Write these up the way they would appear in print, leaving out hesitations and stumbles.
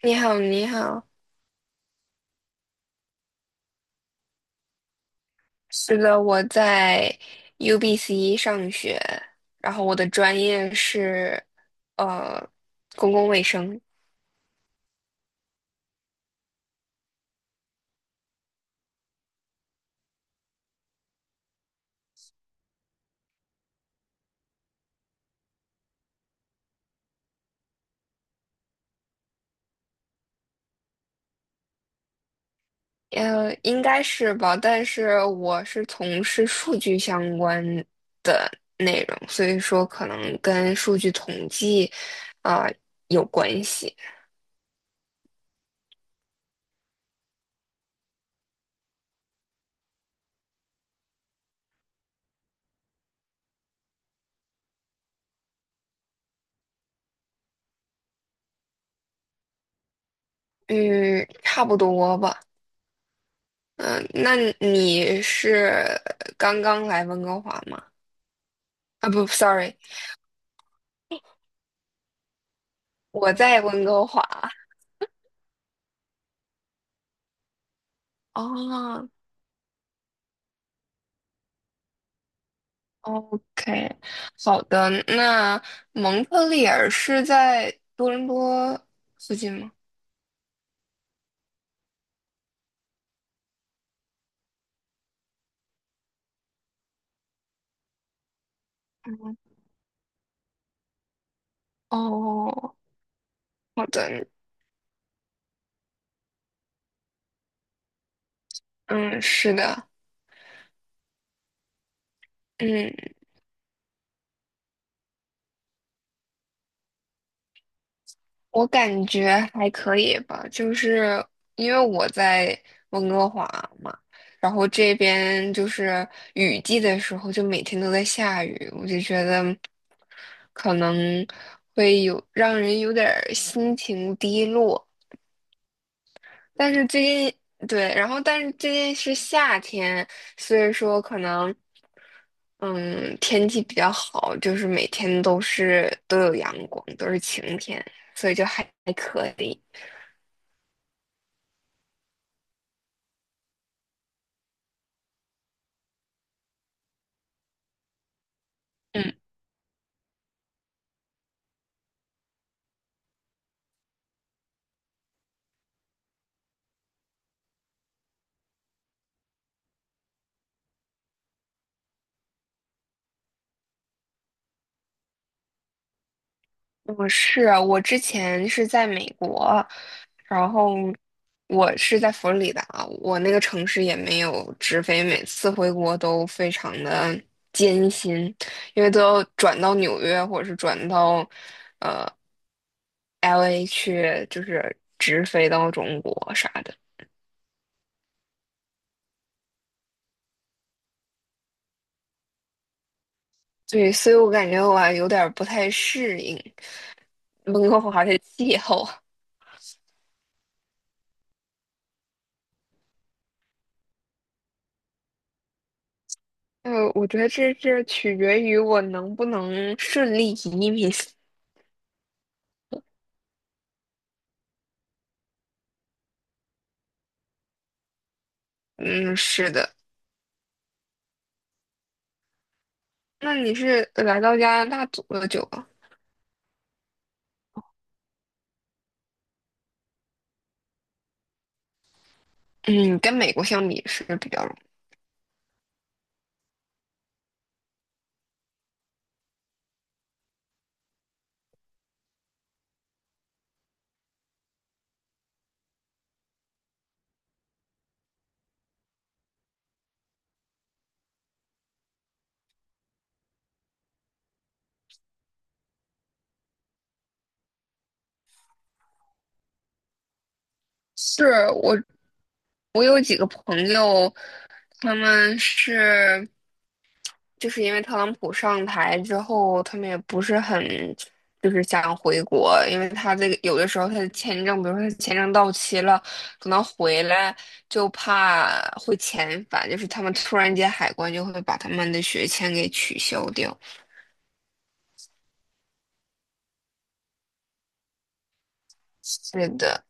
你好，你好。是的，我在 UBC 上学，然后我的专业是呃公共卫生，应该是吧，但是我是从事数据相关的内容，所以说可能跟数据统计啊、有关系，嗯，差不多吧。嗯、那你是刚刚来温哥华吗？啊，不，sorry，我在温哥华。哦，OK，好的。那蒙特利尔是在多伦多附近吗？嗯，哦，好的，嗯，是的，嗯，我感觉还可以吧，就是因为我在温哥华嘛，然后这边就是雨季的时候就每天都在下雨，我就觉得可能会有让人有点儿心情低落。但是最近对，然后但是最近是夏天，所以说可能嗯天气比较好，就是每天都有阳光，都是晴天，所以就还可以。嗯，我之前是在美国，然后我是在佛罗里达，我那个城市也没有直飞，每次回国都非常的艰辛，因为都要转到纽约或者是转到。LA 去就是直飞到中国啥的。对，所以我感觉我还有点儿不太适应温哥华的气候。我觉得这取决于我能不能顺利移民。嗯，是的。那你是来到加拿大多久啊？嗯，跟美国相比是比较容易。是我，我有几个朋友，他们是。就是因为特朗普上台之后，他们也不是很就是想回国，因为他这个有的时候他的签证，比如说他签证到期了，可能回来就怕会遣返，就是他们突然间海关就会把他们的学签给取消掉。是的，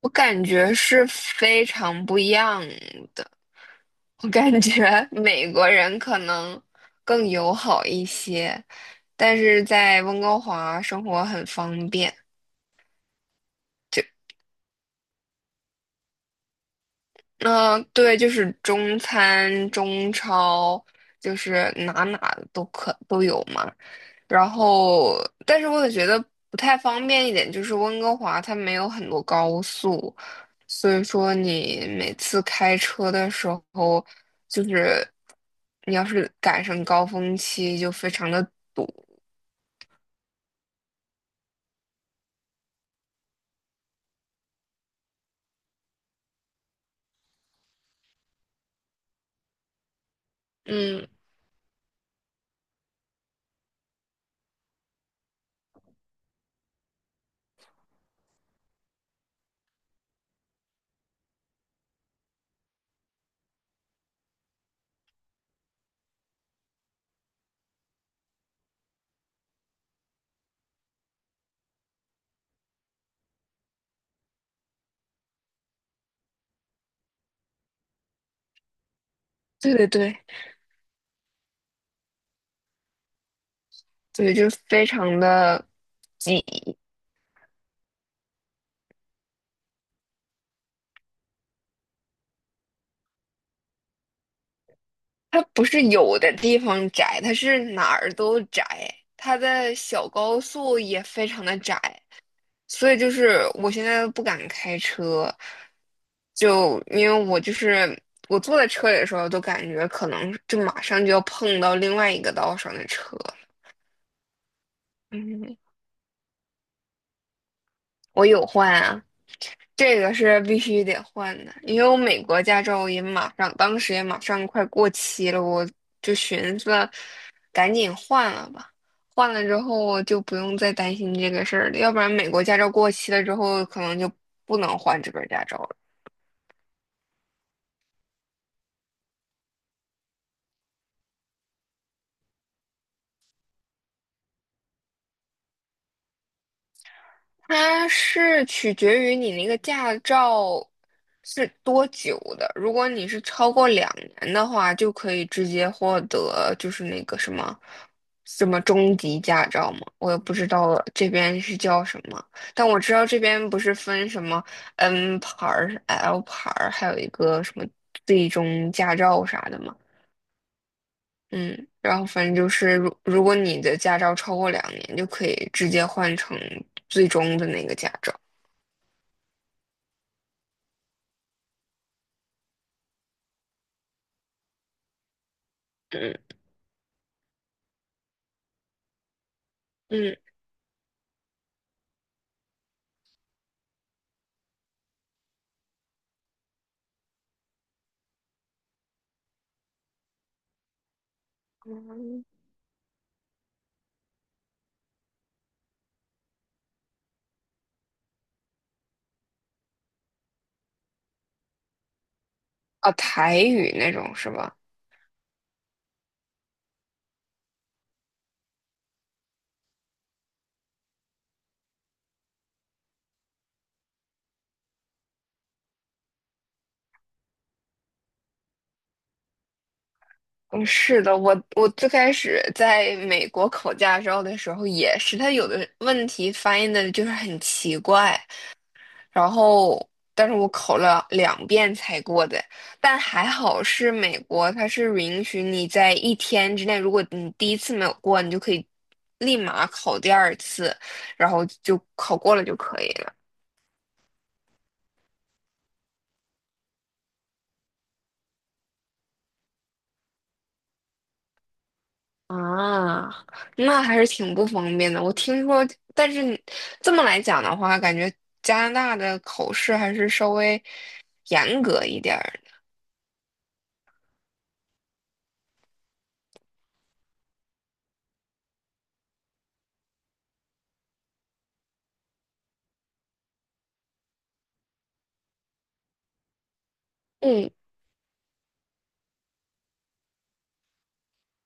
我感觉是非常不一样的。我感觉 美国人可能更友好一些，但是在温哥华生活很方便。就。嗯、对，就是中餐、中超，就是哪都可都有嘛。然后，但是我也觉得不太方便一点，就是温哥华它没有很多高速，所以说你每次开车的时候，就是你要是赶上高峰期，就非常的堵。嗯，对对对，对，就非常的挤。它不是有的地方窄，它是哪儿都窄，它的小高速也非常的窄，所以就是我现在都不敢开车，就因为我就是我坐在车里的时候，都感觉可能就马上就要碰到另外一个道上的车。嗯，我有换啊，这个是必须得换的，因为我美国驾照也马上，当时也马上快过期了，我就寻思赶紧换了吧。换了之后就不用再担心这个事儿了，要不然美国驾照过期了之后，可能就不能换这本驾照了。它是取决于你那个驾照是多久的。如果你是超过两年的话，就可以直接获得就是那个什么什么中级驾照嘛。我也不知道这边是叫什么，但我知道这边不是分什么 N 牌儿、L 牌儿，还有一个什么最终驾照啥的嘛。嗯，然后反正就是，如果你的驾照超过两年，就可以直接换成最终的那个驾照。嗯。嗯，嗯啊，台语那种是吧？嗯，是的，我最开始在美国考驾照的时候也是，他有的问题翻译的就是很奇怪，然后但是我考了2遍才过的，但还好是美国，它是允许你在一天之内，如果你第一次没有过，你就可以立马考第二次，然后就考过了就可以了。啊，那还是挺不方便的。我听说，但是你这么来讲的话，感觉加拿大的口试还是稍微严格一点儿。嗯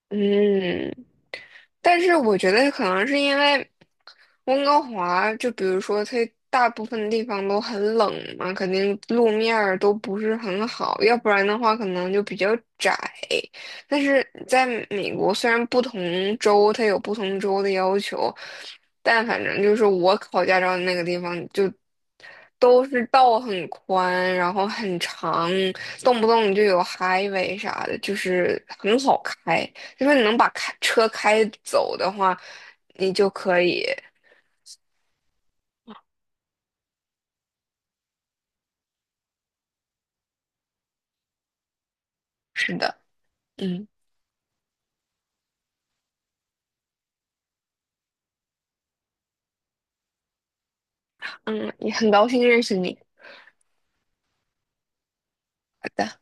嗯。但是我觉得可能是因为温哥华，就比如说它大部分地方都很冷嘛，肯定路面儿都不是很好，要不然的话可能就比较窄。但是在美国，虽然不同州它有不同州的要求，但反正就是我考驾照的那个地方就都是道很宽，然后很长，动不动就有 highway 啥的，就是很好开。因为你能把开车开走的话，你就可以。是的，嗯嗯，也很高兴认识你。好的。